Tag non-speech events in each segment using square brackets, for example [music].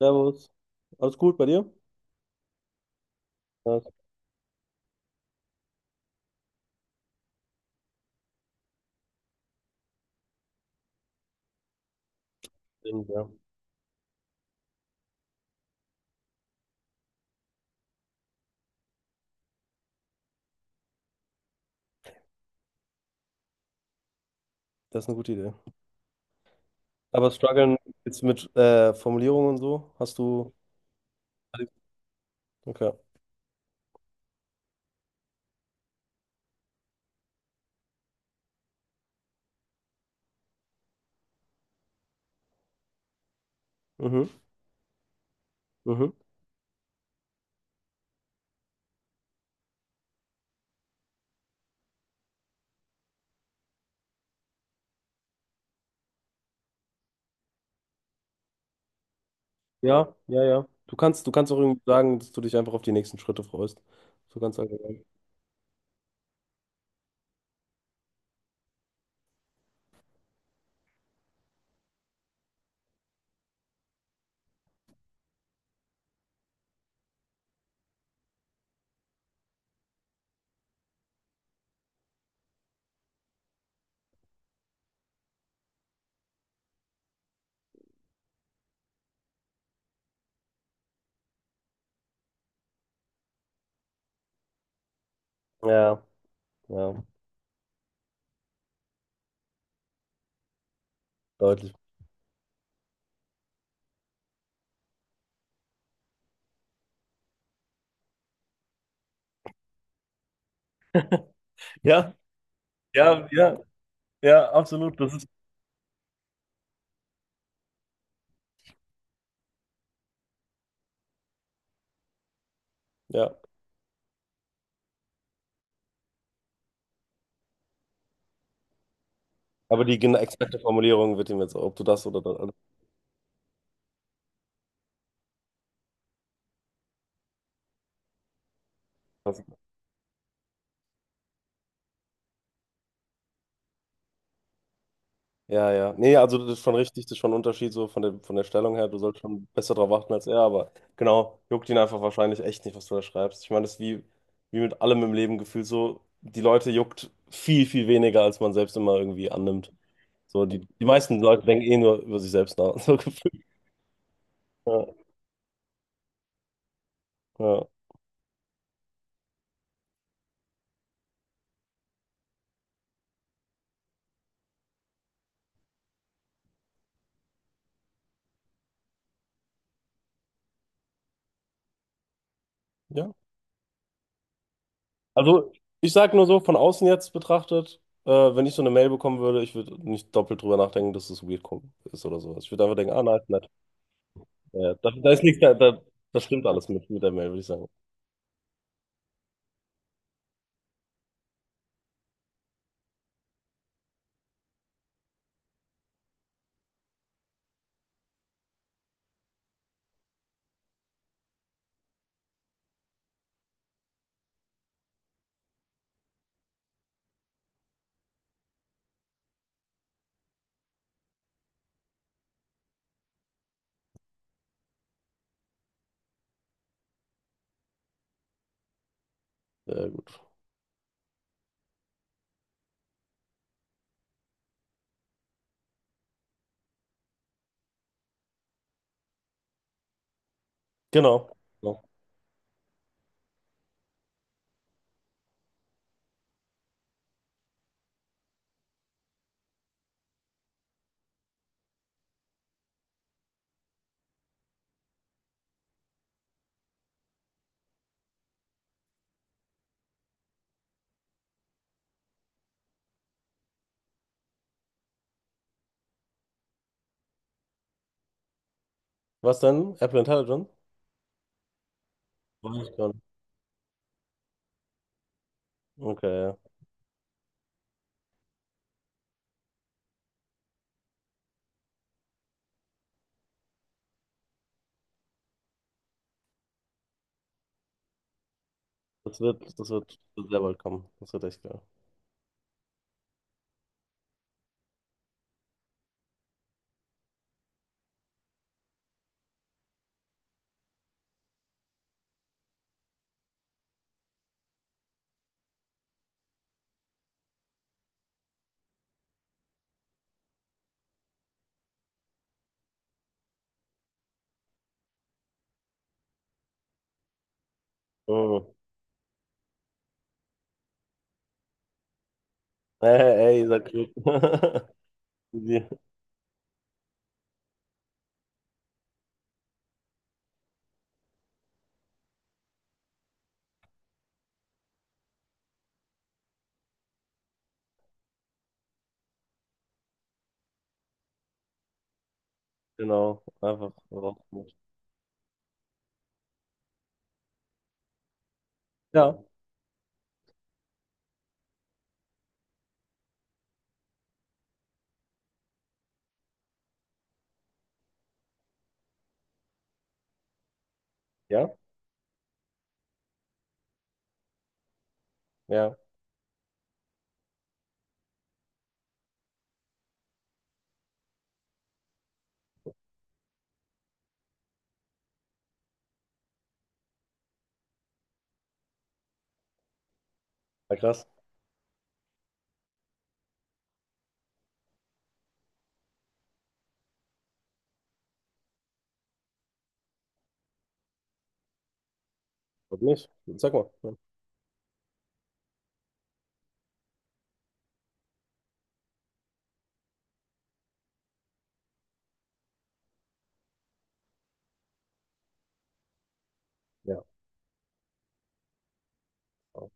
Servus. Alles gut bei dir? Ja, stimmt, ja. Das ist eine gute Idee. Aber strugglen jetzt mit Formulierungen und so, hast du. Okay. Mhm. Mhm. Ja, ja, ja. Du kannst auch irgendwie sagen, dass du dich einfach auf die nächsten Schritte freust. So ganz allgemein. Ja, ja, deutlich. Ja, ja, ja, ja, absolut. Das ist. Ja. Aber die genau exakte Formulierung wird ihm jetzt, ob du das oder das. Also ja, ja. Nee, also das ist schon richtig, das ist schon ein Unterschied so von der Stellung her. Du sollst schon besser drauf achten als er, aber genau, juckt ihn einfach wahrscheinlich echt nicht, was du da schreibst. Ich meine, das ist wie, wie mit allem im Leben gefühlt so, die Leute juckt viel, viel weniger, als man selbst immer irgendwie annimmt. So, die meisten Leute denken eh nur über sich selbst nach, [laughs] so gefühlt. Ja, ja. Ja. Also, ich sag nur so, von außen jetzt betrachtet, wenn ich so eine Mail bekommen würde, ich würde nicht doppelt drüber nachdenken, dass es weird ist oder sowas. Ich würde einfach denken, ah, nice, nice. Ja, da, da ist nichts, da, da, das stimmt alles mit der Mail, würde ich sagen. Ja, gut. Genau. So. Was denn? Apple Intelligence? Weiß ich gar nicht. Okay, ja. Das wird, das wird, Sehr bald kommen. Das wird echt geil. Mhm. Ey, ey, sag gut. [laughs] Die- Genau, einfach raus damit. Ja, ja, ja. Na krass. Warum nicht? Sag mal. Ja. Ja.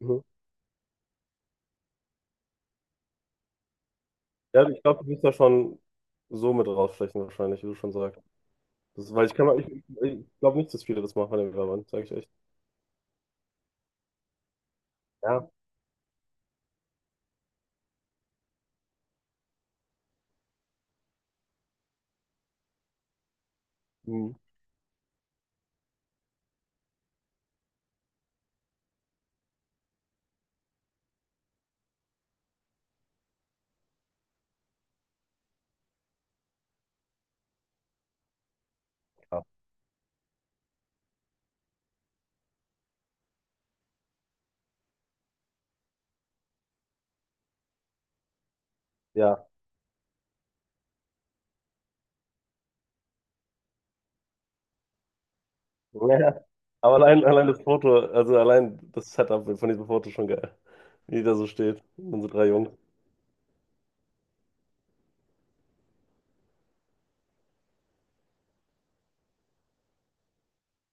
Mhm. Ja, ich glaube, du bist da schon so mit rausstechen wahrscheinlich, wie du schon sagst. Das, weil ich kann mal, ich glaube nicht, dass viele das machen, wenn wir wollen, sage ich echt. Ja. Mhm. Ja. Ja. Aber allein, allein das Foto, also allein das Setup von diesem Foto ist schon geil. Wie die da so steht. Unsere drei Jungs.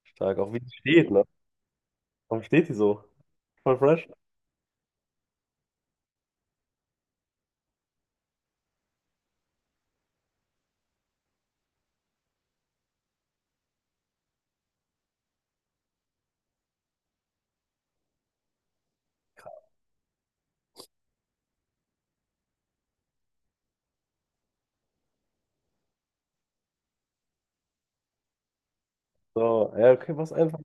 Stark. Auch wie die steht, ne? Warum steht die so? Voll fresh. So, ja, okay, was einfach.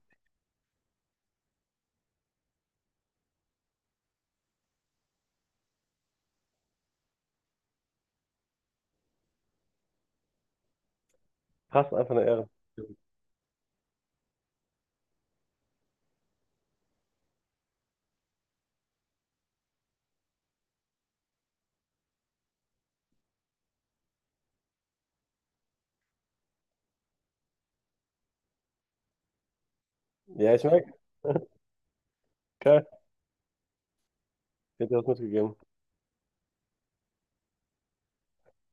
Krass, einfach eine Ehre. Ja, ich merke. [laughs] Geil. Ich hätte das mitgegeben.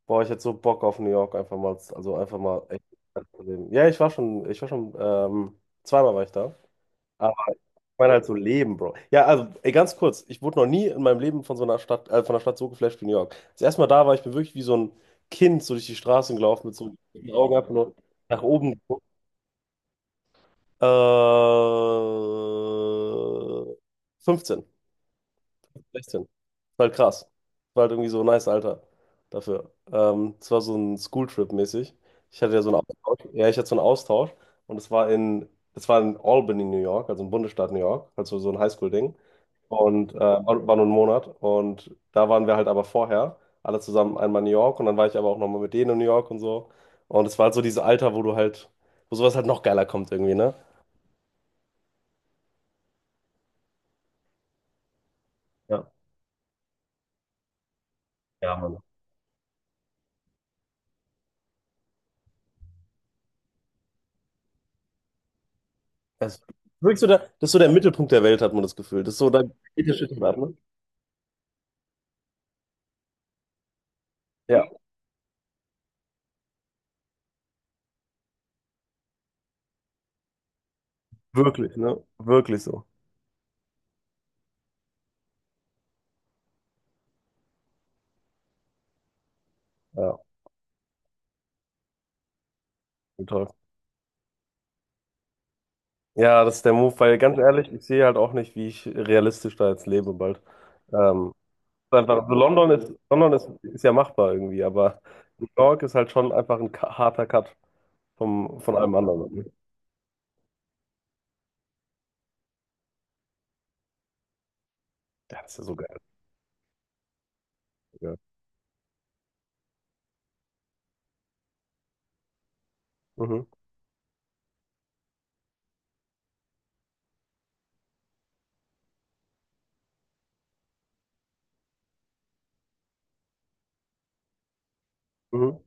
Boah, ich hätte so Bock auf New York einfach mal. Also einfach mal echt zu leben. Ja, zweimal war ich da. Aber ich meine halt so Leben, Bro. Ja, also, ey, ganz kurz, ich wurde noch nie in meinem Leben von so einer Stadt, von einer Stadt so geflasht wie New York. Als ich erstmal da war, ich bin wirklich wie so ein Kind so durch die Straßen gelaufen, mit so den Augen einfach nur nach oben geguckt. Äh, 15, 16 war halt krass. War halt irgendwie so ein nice Alter dafür. Es war so ein Schooltrip-mäßig. Ich hatte ja so einen Austausch. Ja, ich hatte so einen Austausch und es war in Albany, New York, also im Bundesstaat New York, also so ein Highschool-Ding. Und war nur ein Monat. Und da waren wir halt aber vorher alle zusammen einmal in New York und dann war ich aber auch nochmal mit denen in New York und so. Und es war halt so dieses Alter, wo du halt, wo sowas halt noch geiler kommt irgendwie, ne? Ja, ja, Mann. Das, das ist wirklich so der, das ist so der Mittelpunkt der Welt, hat man das Gefühl. Das ist so, da geht der Shit ab, ne? Ja. Wirklich, ne? Wirklich so. Ja, total. Ja, das ist der Move, weil ganz ehrlich, ich sehe halt auch nicht, wie ich realistisch da jetzt lebe bald. Ähm, ist einfach, also London ist, ist ja machbar irgendwie, aber New York ist halt schon einfach ein ka- harter Cut vom, von allem anderen, ne? Ja, das ist ja so geil. Ja. Mhm, mhm.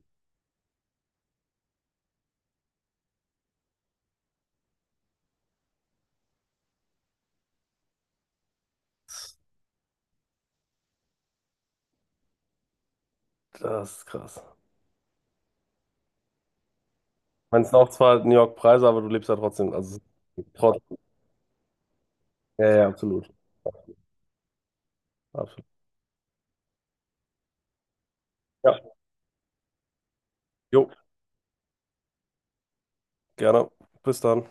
Das ist krass. Ich meine, es sind auch zwar New York Preise, aber du lebst ja trotzdem. Also es ist trotz. Ja, ja, absolut. Absolut. Ja, jo, gerne. Bis dann.